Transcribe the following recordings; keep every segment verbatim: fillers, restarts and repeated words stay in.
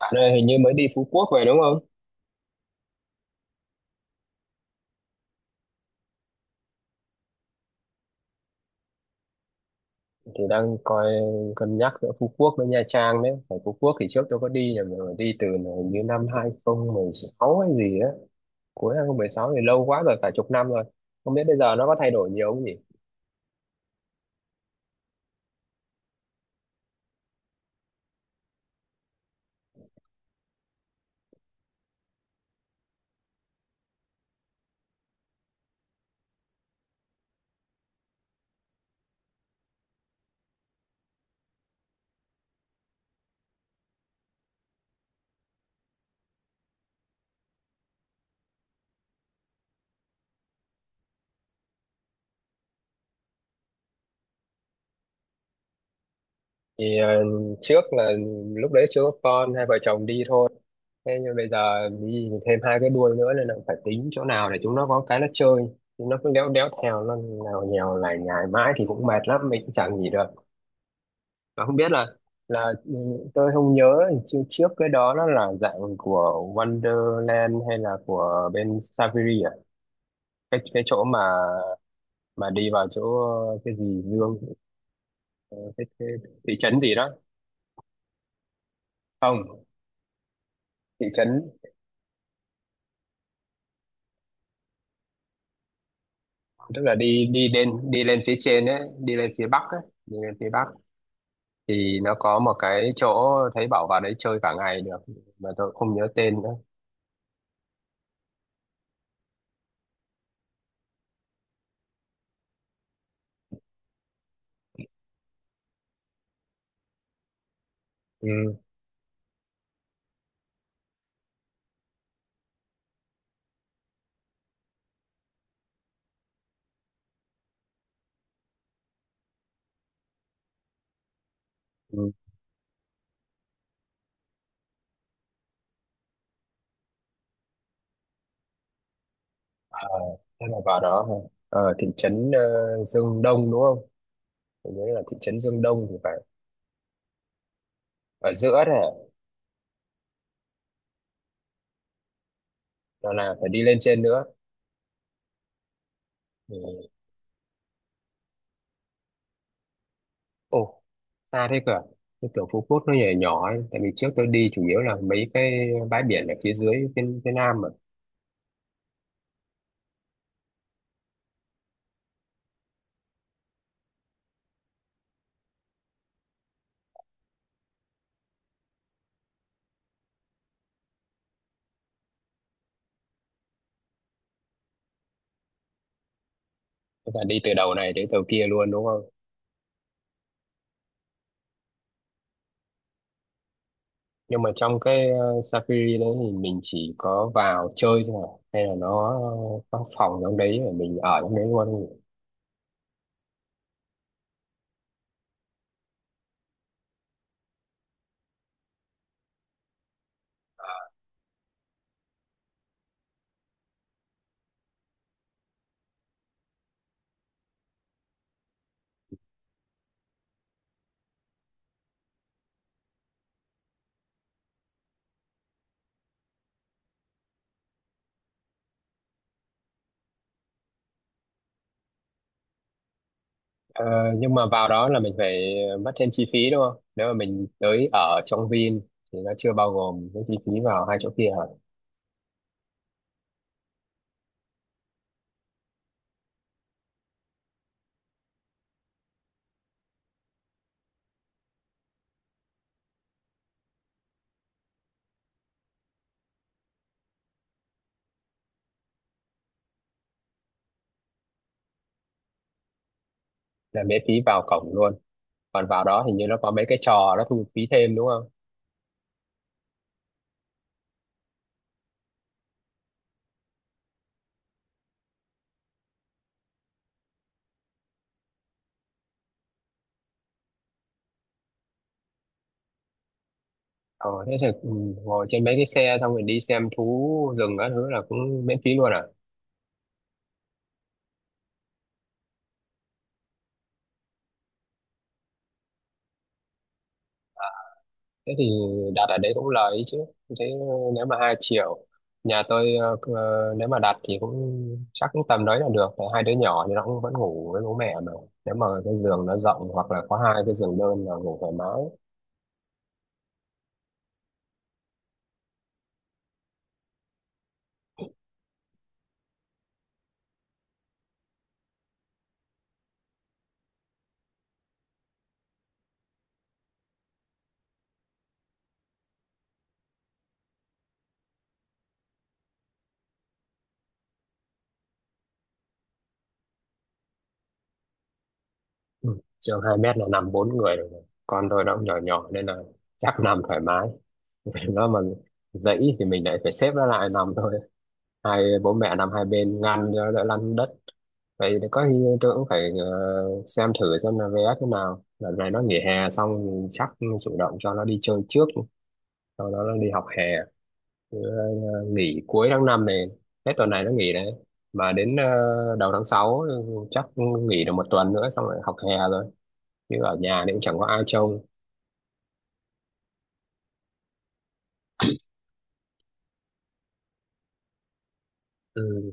Bạn ơi, hình như mới đi Phú Quốc về đúng không? Thì đang coi, cân nhắc giữa Phú Quốc với Nha Trang đấy. Ở Phú Quốc thì trước tôi có đi rồi, mà đi từ hình như năm hai không một sáu hay gì á. Cuối hai không một sáu thì lâu quá rồi, cả chục năm rồi. Không biết bây giờ nó có thay đổi nhiều không nhỉ? Thì ờ, trước là lúc đấy chưa có con, hai vợ chồng đi thôi. Thế nhưng bây giờ đi thêm hai cái đuôi nữa nên là phải tính chỗ nào để chúng nó có cái nó chơi. Chúng nó cứ đéo đéo theo, nó nào nhèo lại nhải mãi thì cũng mệt lắm, mình cũng chẳng gì được mà không biết là là ừ, tôi không nhớ trước trước cái đó nó là dạng của Wonderland hay là của bên Saviri à. Cái cái chỗ mà mà đi vào chỗ cái gì Dương, cái, cái thị trấn gì đó. Không, thị trấn tức là đi, đi lên đi lên phía trên ấy, đi lên phía bắc ấy, đi lên phía bắc thì nó có một cái chỗ thấy bảo vào đấy chơi cả ngày được mà tôi không nhớ tên nữa. Ừ, ừ. Ờ, thế là vào đó hả? Ở thị trấn ờ, Dương Đông đúng không, tôi nhớ là thị trấn Dương Đông thì phải. Ở giữa đấy đó là phải đi lên trên nữa. Ừ. Ồ, xa thế cơ à? Tôi tưởng Phú Quốc nó nhỏ nhỏ ấy. Tại vì trước tôi đi chủ yếu là mấy cái bãi biển ở phía dưới, phía, phía nam mà. Tức là đi từ đầu này đến đầu kia luôn đúng không? Nhưng mà trong cái ờ, Safari đấy thì mình chỉ có vào chơi thôi à? Hay là nó có phòng trong đấy mà mình ở trong đấy luôn không nhỉ? Ờ, nhưng mà vào đó là mình phải mất thêm chi phí đúng không? Nếu mà mình tới ở trong Vin thì nó chưa bao gồm cái chi phí vào hai chỗ kia hả? Là miễn phí vào cổng luôn, còn vào đó hình như nó có mấy cái trò nó thu phí thêm đúng không? ờ Thế thì ừ, ngồi trên mấy cái xe xong rồi đi xem thú rừng các thứ là cũng miễn phí luôn à? Thế thì đặt ở đấy cũng lời ấy chứ. Thế nếu mà hai triệu, nhà tôi ờ, ờ, nếu mà đặt thì cũng chắc cũng tầm đấy là được, tại hai đứa nhỏ thì nó cũng vẫn ngủ với bố mẹ mà. Nếu mà cái giường nó rộng hoặc là có hai cái giường đơn là ngủ thoải mái. Ừ, giường hai mét là nằm bốn người được rồi, con tôi nó cũng nhỏ nhỏ nên là chắc nằm thoải mái. Nó mà dãy thì mình lại phải xếp nó lại nằm thôi, hai bố mẹ nằm hai bên ngăn cho đỡ lăn đất. Vậy thì có khi tôi cũng phải ờ, xem thử xem là vé thế nào, lần này nó nghỉ hè xong mình chắc chủ động cho nó đi chơi trước, sau đó nó đi học hè. Chứ ờ, nghỉ cuối tháng năm này, hết tuần này nó nghỉ đấy, mà đến ờ, đầu tháng sáu chắc nghỉ được một tuần nữa xong rồi học hè rồi, chứ ở nhà thì cũng chẳng có ai trông. Ừ,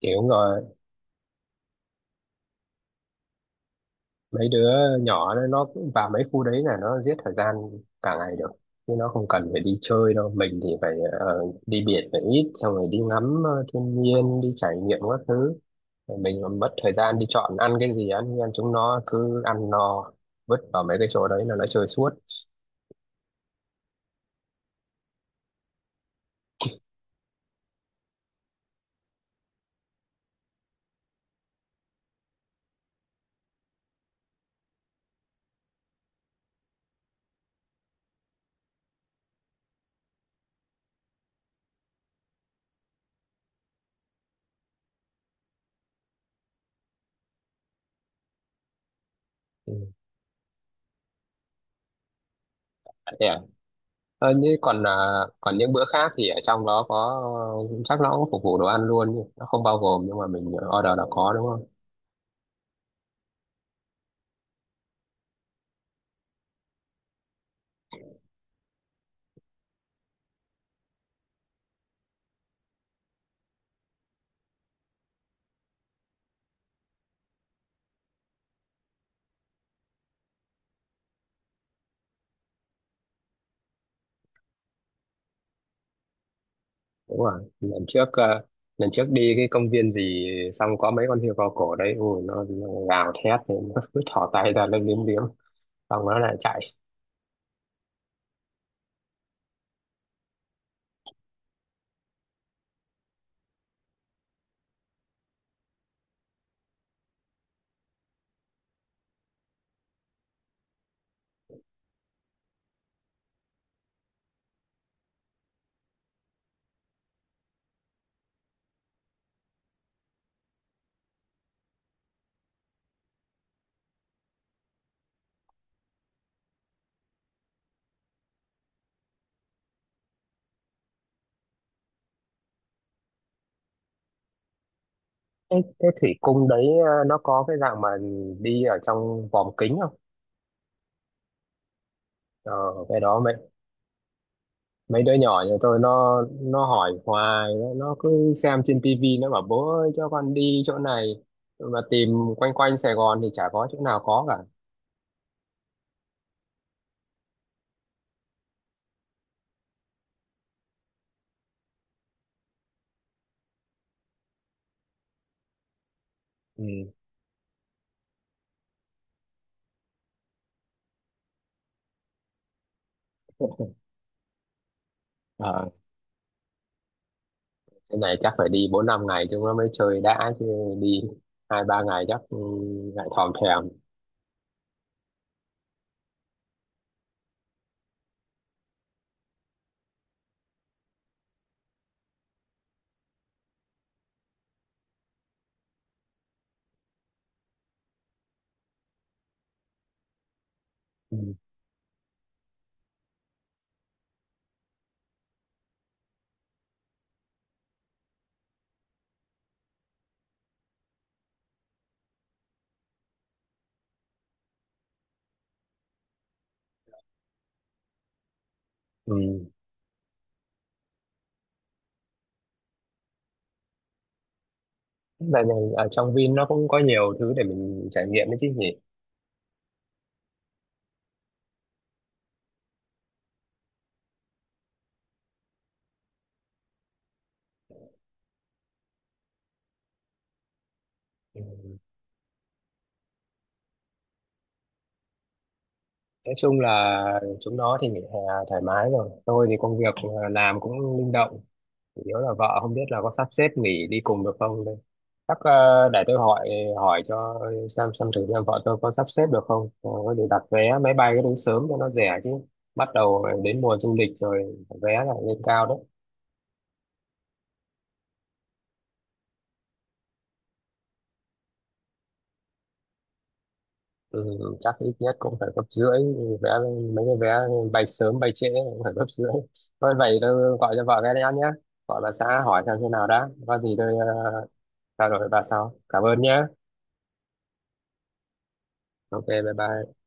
kiểu rồi mấy đứa nhỏ nó nó cũng vào mấy khu đấy là nó giết thời gian cả ngày được, chứ nó không cần phải đi chơi đâu. Mình thì phải ờ, đi biển phải ít, xong rồi đi ngắm ờ, thiên nhiên, đi trải nghiệm các thứ. Rồi mình còn mất thời gian đi chọn ăn cái gì ăn, nhưng chúng nó cứ ăn no vứt vào mấy cái chỗ đấy là nó chơi suốt. Ừ. Thế à? Ờ, như còn à, còn những bữa khác thì ở trong đó có, chắc nó cũng phục vụ đồ ăn luôn nhỉ? Nó không bao gồm nhưng mà mình order là có đúng không? Đúng rồi, lần trước ờ, lần trước đi cái công viên gì xong có mấy con hươu cao cổ đấy, ui nó, nó gào thét thì nó cứ thỏ tay ra nó liếm liếm xong nó lại chạy. Thế, thế thủy cung đấy ờ, nó có cái dạng mà đi ở trong vòm kính không? ờ, cái đó mấy mấy đứa nhỏ nhà tôi nó nó hỏi hoài, nó, nó cứ xem trên tivi nó bảo bố ơi cho con đi chỗ này, mà tìm quanh quanh Sài Gòn thì chả có chỗ nào có cả. Ừ. Cái này chắc phải đi bốn năm ngày chúng nó mới chơi đã chứ, đi hai ba ngày chắc ừ, lại thòm thèm. Ừ. Ừ. Tại này ở trong Vin nó cũng có nhiều thứ để mình trải nghiệm đấy chứ nhỉ. Nói chung là chúng nó thì nghỉ hè thoải mái rồi, tôi thì công việc ờ, làm cũng linh động, chủ yếu là vợ không biết là có sắp xếp nghỉ đi cùng được không đây. Chắc ờ, để tôi hỏi hỏi cho xem xem thử xem vợ tôi có sắp xếp được không, rồi có gì đặt vé máy bay cái đúng sớm cho nó rẻ chứ, bắt đầu đến mùa du lịch rồi vé lại lên cao đấy. Ừ, chắc ít nhất cũng phải gấp rưỡi, vé mấy cái vé bay sớm bay trễ cũng phải gấp rưỡi. Thôi vậy tôi gọi cho vợ cái đã nhé, gọi bà xã hỏi xem thế nào đã, có gì tôi ờ, trao đổi với bà sau, cảm ơn nhé. Ok, bye bye.